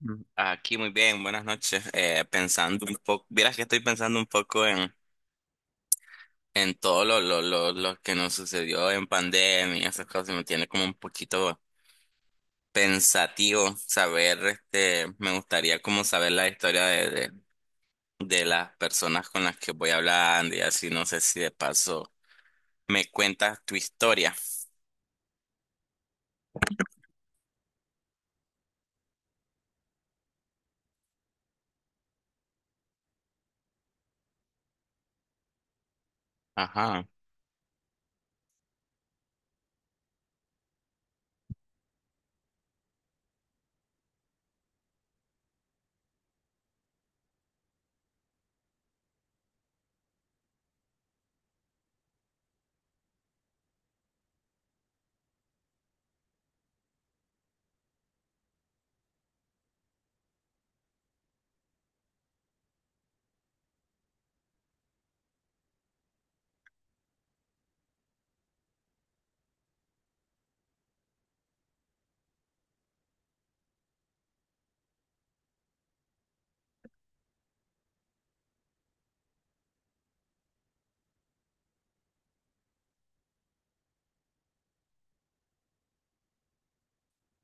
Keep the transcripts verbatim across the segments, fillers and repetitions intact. Mm. Aquí muy bien, buenas noches. Eh, pensando un poco, vieras que estoy pensando un poco en, en todo lo, lo, lo, lo que nos sucedió en pandemia, y esas cosas, y me tiene como un poquito pensativo saber, este, me gustaría como saber la historia de, de, de las personas con las que voy hablando y así, no sé si de paso me cuentas tu historia. Ajá.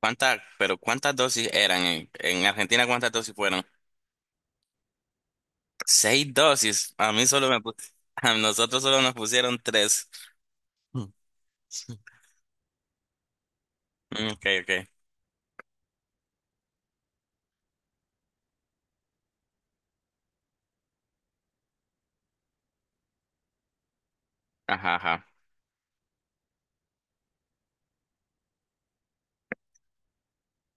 ¿Cuántas, pero cuántas dosis eran en, en Argentina? ¿Cuántas dosis fueron? Seis dosis. A mí solo me pu- a nosotros solo nos pusieron tres. Mm. Mm. Ok, ok. Ajá, ajá.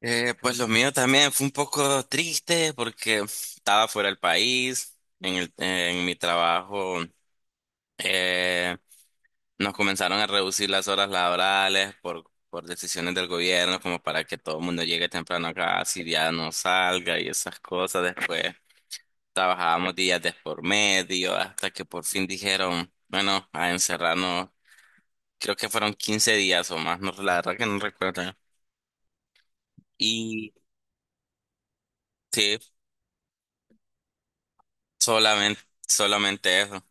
Eh, pues lo mío también fue un poco triste porque estaba fuera del país. En el, en mi trabajo, eh, nos comenzaron a reducir las horas laborales por, por decisiones del gobierno, como para que todo el mundo llegue temprano acá, si ya no salga y esas cosas después. Trabajábamos días de por medio hasta que por fin dijeron, bueno, a encerrarnos. Creo que fueron quince días o más, no, la verdad que no recuerdo. Y sí, solamente, solamente eso.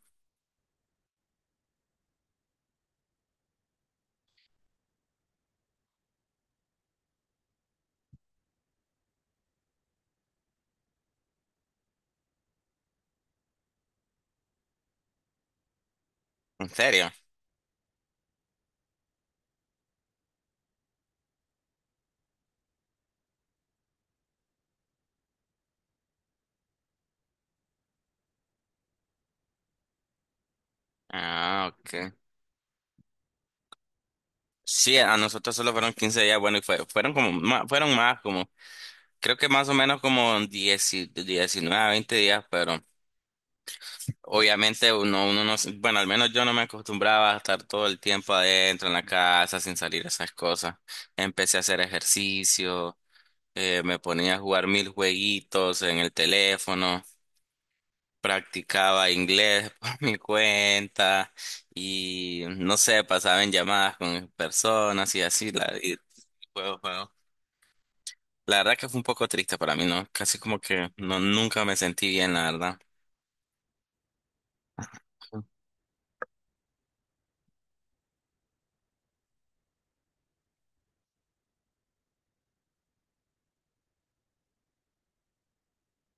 ¿En serio? Ah, ok. Sí, a nosotros solo fueron quince días, bueno, y fue- fueron como, ma- fueron más, como, creo que más o menos como diez y- diecinueve, veinte días, pero. Obviamente uno, uno no, se- bueno, al menos yo no me acostumbraba a estar todo el tiempo adentro en la casa sin salir esas cosas. Empecé a hacer ejercicio, eh, me ponía a jugar mil jueguitos en el teléfono, practicaba inglés por mi cuenta y no sé, pasaba en llamadas con personas y así, la, y juego, juego. La verdad que fue un poco triste para mí, ¿no? Casi como que no, nunca me sentí bien, la verdad.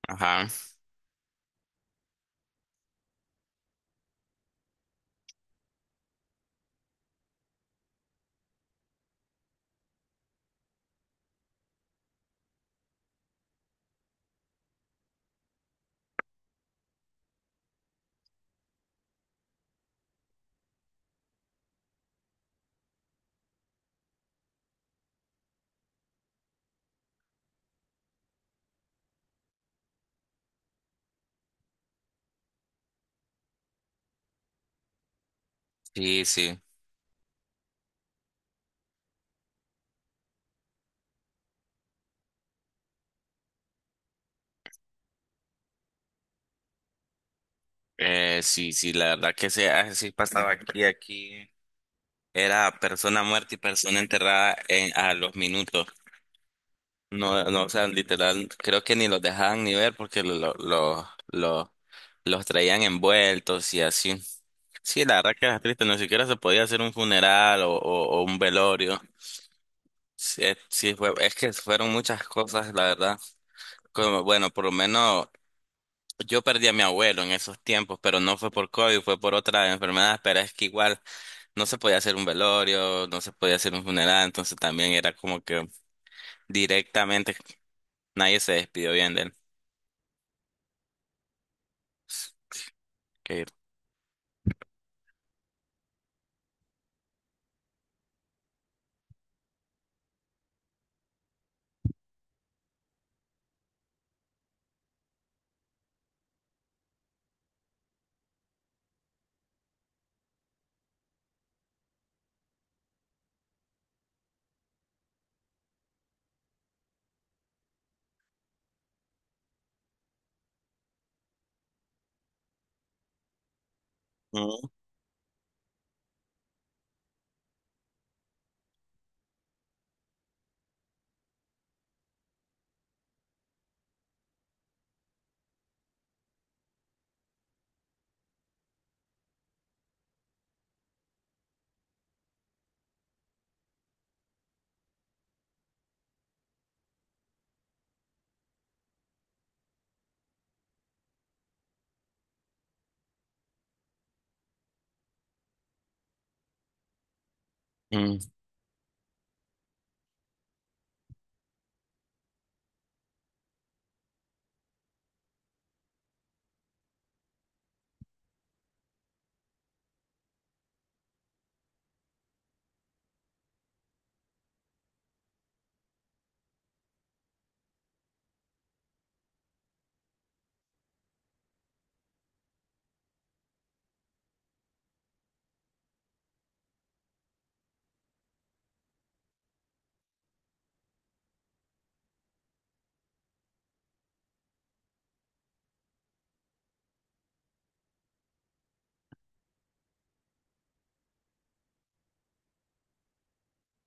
Ajá, sí, sí. Eh, sí, sí, la verdad que sí, así pasaba aquí, aquí era persona muerta y persona enterrada en, a los minutos. No, no, o sea, literal, creo que ni los dejaban ni ver porque lo, lo, lo- lo- los traían envueltos y así. Sí, la verdad que era triste. Ni siquiera se podía hacer un funeral o, o, o un velorio. Sí, es- sí, fue, es que fueron muchas cosas, la verdad. Como, bueno, por lo menos yo perdí a mi abuelo en esos tiempos, pero no fue por COVID, fue por otra enfermedad, pero es que igual. No se podía hacer un velorio, no se podía hacer un funeral, entonces también era como que directamente nadie se despidió bien de él. Que- Mm, mm.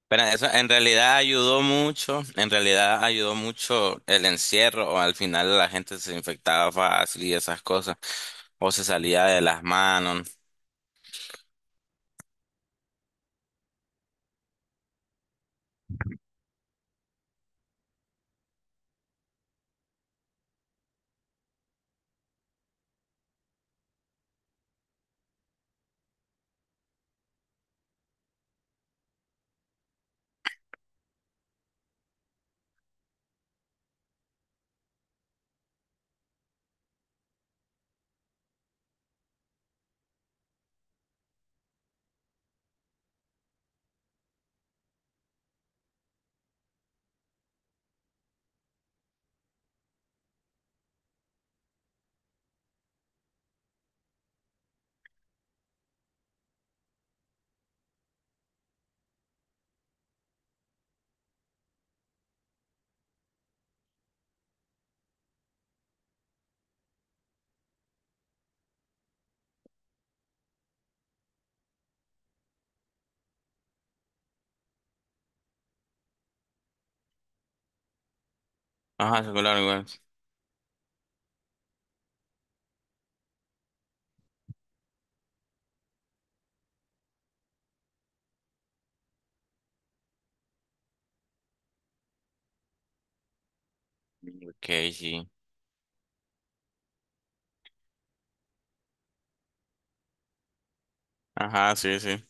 Pero eso en realidad ayudó mucho, en realidad ayudó mucho el encierro, o al final la gente se infectaba fácil y esas cosas, o se salía de las manos. Ajá, claro, igual. Ok, sí. Ajá, sí, sí.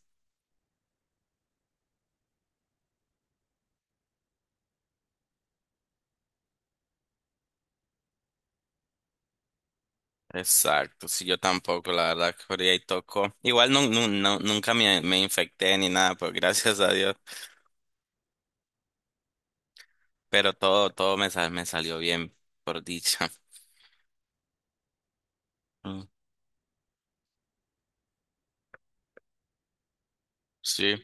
Exacto, sí, yo tampoco, la verdad, que por ahí tocó. Igual nun- nun- no- nunca me, me infecté ni nada, pues gracias a Dios. Pero todo, todo me, sal- me salió bien, por dicha. Mm. Sí.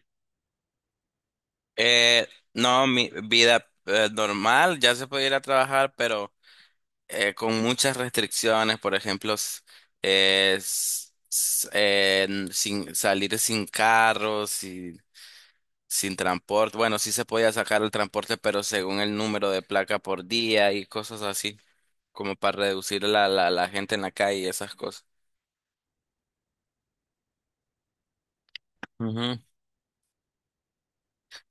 Eh, no, mi vida eh, normal, ya se puede ir a trabajar, pero eh, con muchas restricciones, por ejemplo, s- eh, s- s- eh, n- sin salir sin carros y sin transporte. Bueno, sí se podía sacar el transporte, pero según el número de placa por día y cosas así, como para reducir la, la, la gente en la calle y esas cosas. Ujú.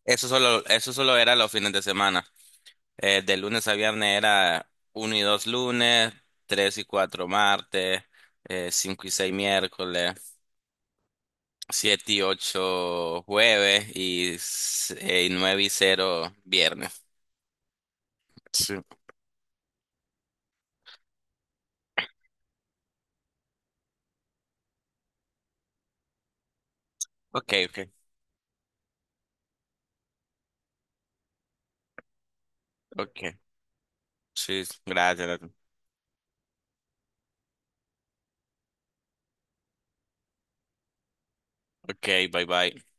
Eso solo, eso solo era los fines de semana. Eh, de lunes a viernes era uno y dos lunes, tres y cuatro martes, eh, cinco y seis miércoles, siete y ocho jueves y, s- eh, y nueve y cero viernes. Sí. Ok, ok, ok. Sí, gracias. Ok, bye bye.